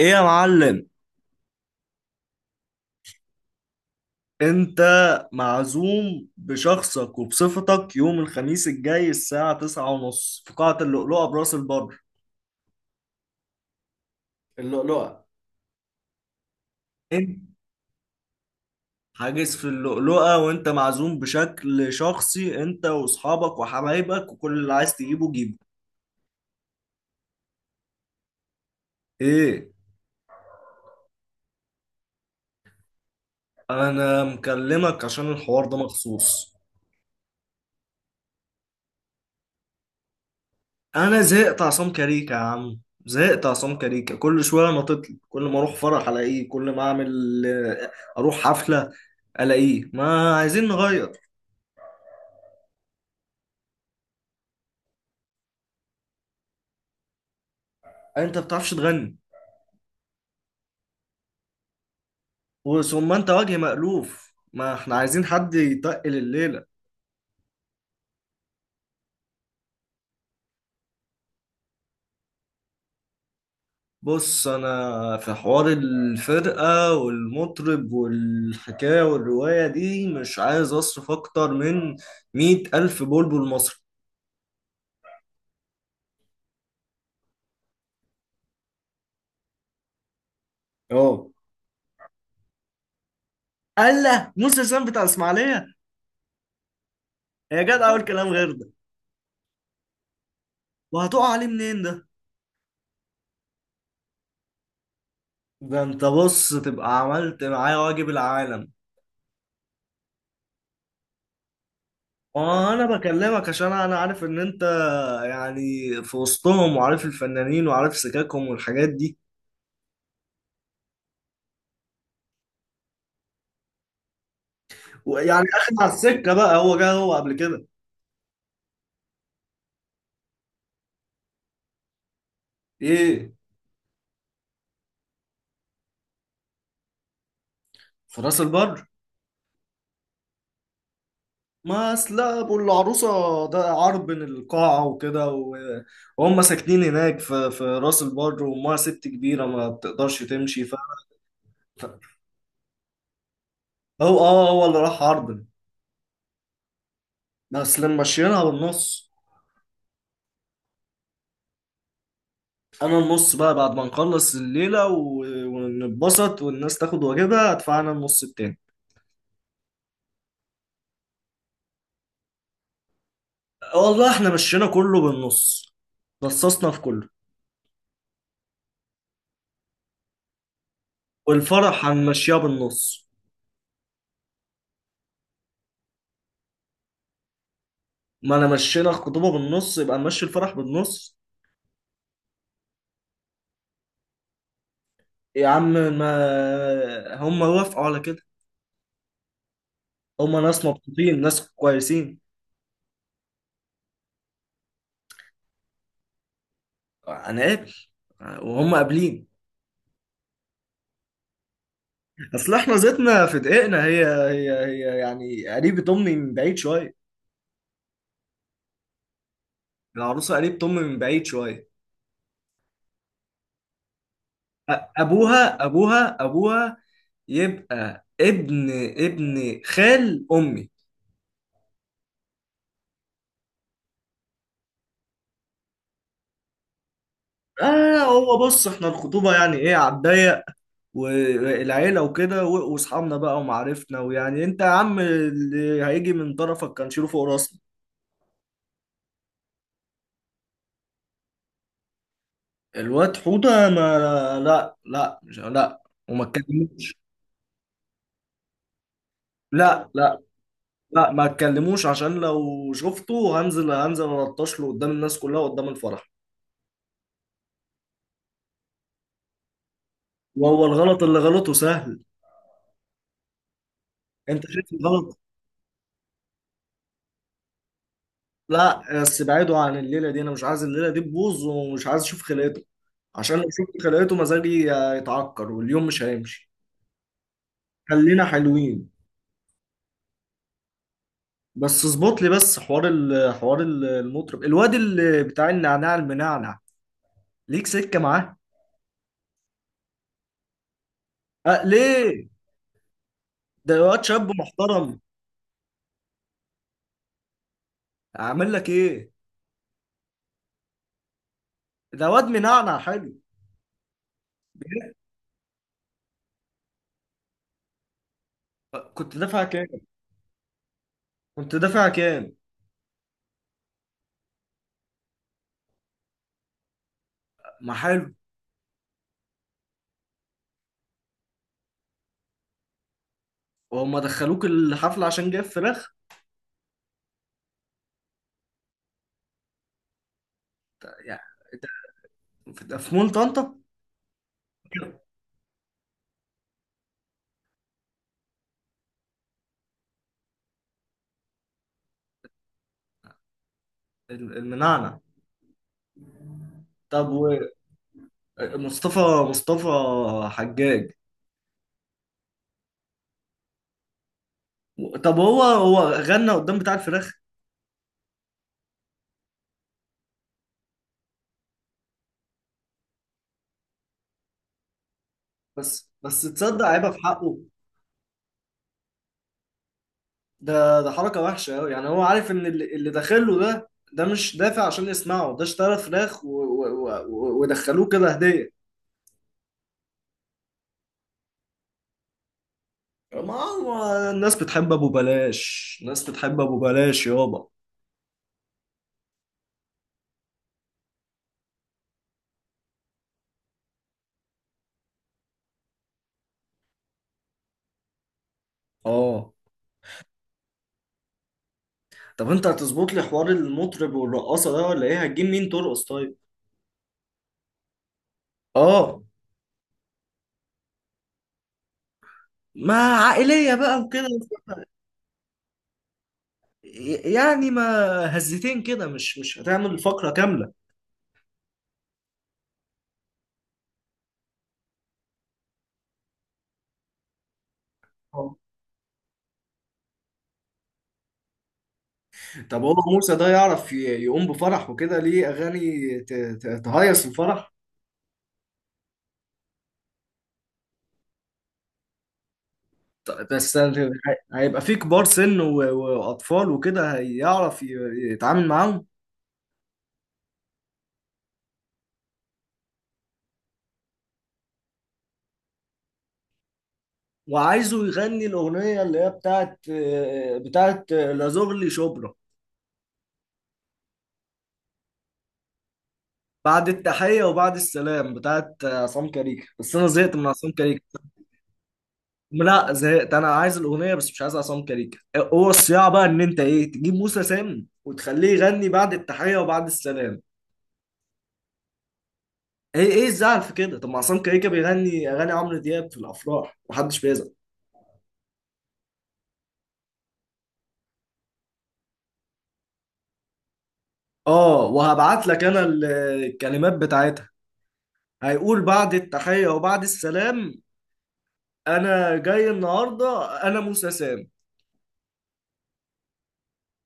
ايه يا معلم. انت معزوم بشخصك وبصفتك يوم الخميس الجاي الساعة 9:30 في قاعة اللؤلؤة براس البر. اللؤلؤة. انت حاجز في اللؤلؤة وانت معزوم بشكل شخصي انت واصحابك وحبايبك وكل اللي عايز تجيبه جيبه. ايه. انا مكلمك عشان الحوار ده مخصوص. انا زهقت عصام كاريكا يا عم، زهقت عصام كاريكا، كل شوية نطتلي، كل ما اروح فرح الاقيه، كل ما اعمل اروح حفلة الاقيه. ما عايزين نغير. انت بتعرفش تغني. وثم انت وجه مألوف، ما احنا عايزين حد يتقل الليلة. بص انا في حوار الفرقة والمطرب والحكاية والرواية دي، مش عايز اصرف اكتر من 100,000 بلبل مصري. اه، قال له موسى سام بتاع الاسماعيلية. يا جدع اقول كلام غير ده. وهتقع عليه منين ده؟ ده انت بص تبقى عملت معايا واجب العالم. وانا بكلمك عشان انا عارف ان انت يعني في وسطهم، وعارف الفنانين وعارف سكاكهم والحاجات دي. ويعني اخد على السكه بقى، هو جه هو قبل كده؟ ايه؟ في راس البر. ما اصل ابو العروسه ده عار بين القاعه وكده وهم ساكنين هناك في راس البر، وامها ست كبيره ما بتقدرش تمشي. ف- هو اه هو اللي راح عرض، بس لما مشيناها بالنص. انا النص بقى بعد ما نخلص الليله ونتبسط والناس تاخد واجبها، ادفع انا النص التاني. والله احنا مشينا كله بالنص، رصصنا في كله. والفرح هنمشيها بالنص. ما انا مشينا الخطوبه بالنص، يبقى نمشي الفرح بالنص. يا عم ما هم وافقوا على كده، هم ناس مبسوطين، ناس كويسين. هنقابل وهم قابلين. اصل احنا زيتنا في دقيقنا، هي يعني قريبة امي من بعيد شويه. العروسه قريبة امي من بعيد شويه. ابوها يبقى ابن خال امي. اه، هو بص احنا الخطوبه يعني ايه، على الضيق والعيله وكده واصحابنا بقى ومعارفنا، ويعني انت يا عم اللي هيجي من طرفك كان شيله فوق راسنا. الواد حوده، ما لا لا مش لا، وما اتكلموش. لا لا لا، ما اتكلموش. عشان لو شفته هنزل، الطش له قدام الناس كلها قدام الفرح. وهو الغلط اللي غلطه سهل. انت شايف الغلط؟ لا، بس بعيدوا عن الليله دي، انا مش عايز الليله دي تبوظ، ومش عايز اشوف خلقته. عشان لو شفت خلقته مزاجي يتعكر، واليوم مش هيمشي. خلينا حلوين. بس اظبط لي بس حوار المطرب الواد اللي بتاع النعناع المنعنع. ليك سكه معاه؟ أه ليه؟ ده واد شاب محترم. اعمل لك ايه؟ ده واد منعنع حلو. كنت دافع كام؟ كنت دافع كام؟ ما حلو. وهم دخلوك الحفله عشان جاب فراخ؟ يعني، ده في ده في مول طنطا. المنعنع؟ طب، ومصطفى، مصطفى حجاج. طب هو هو غنى قدام بتاع الفراخ؟ بس تصدق، عيبه في حقه، ده حركه وحشه قوي. يعني هو عارف ان اللي داخله ده مش دافع عشان يسمعه، ده اشترى فراخ ودخلوه كده هديه. ما هو الناس بتحب ابو بلاش، الناس بتحب ابو بلاش يابا. اه. طب انت هتظبط لي حوار المطرب والرقاصه ده ولا ايه؟ هتجيب مين ترقص طيب؟ اه. ما عائلية بقى وكده، يعني ما هزتين كده، مش هتعمل فقرة كاملة. آه. طب هو موسى ده يعرف يقوم بفرح وكده، ليه أغاني تهيص الفرح؟ بس هيبقى فيه كبار سن وأطفال وكده، هيعرف يتعامل معاهم؟ وعايزه يغني الأغنية اللي هي بتاعت لازغلي شبرا، بعد التحية وبعد السلام بتاعت عصام كاريك، بس أنا زهقت من عصام كاريك. لا، زهقت. انا عايز الاغنيه بس مش عايز عصام كاريكا. هو الصياعه بقى ان انت ايه، تجيب موسى سام وتخليه يغني بعد التحيه وبعد السلام. ايه، ايه الزعل في كده؟ طب ما عصام كاريكا بيغني اغاني عمرو دياب في الافراح، محدش بيزعل. اه، وهبعت لك انا الكلمات بتاعتها. هيقول: بعد التحيه وبعد السلام، انا جاي النهارده انا موسى سام.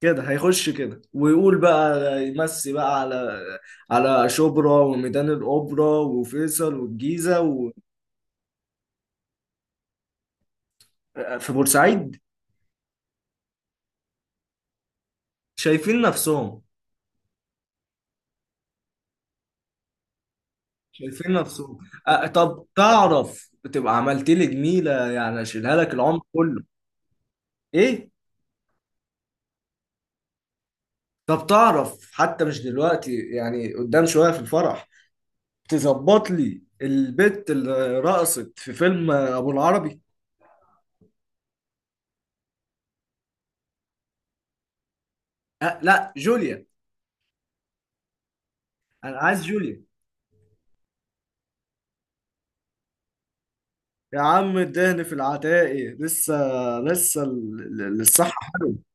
كده هيخش كده، ويقول بقى: يمسي بقى على، على شبرا وميدان الاوبرا وفيصل والجيزه. في بورسعيد؟ شايفين نفسهم. شايفين نفسهم. أه، طب تعرف، تبقى عملت لي جميلة، يعني اشيلها لك العمر كله. ايه؟ طب تعرف حتى مش دلوقتي، يعني قدام شوية في الفرح، تظبط لي البت اللي رقصت في فيلم ابو العربي. أه، لا، جوليا. انا عايز جوليا. يا عم الدهن في العتاقي لسه، الصحة حلوة.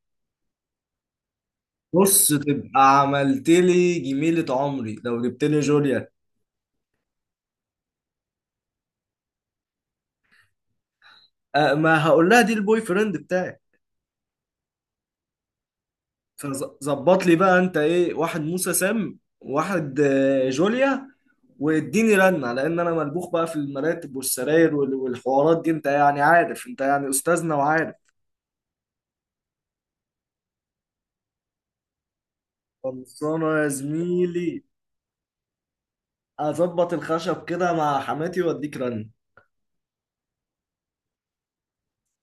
بص تبقى عملت لي جميلة عمري لو جبت لي جوليا. ما هقول لها دي البوي فريند بتاعي. فظبط لي بقى انت ايه، واحد موسى سام واحد جوليا. واديني رنة، لان انا ملبوخ بقى في المراتب والسراير والحوارات دي، انت يعني عارف، انت يعني استاذنا وعارف. خلصانه يا زميلي. اظبط الخشب كده مع حماتي واديك رنة.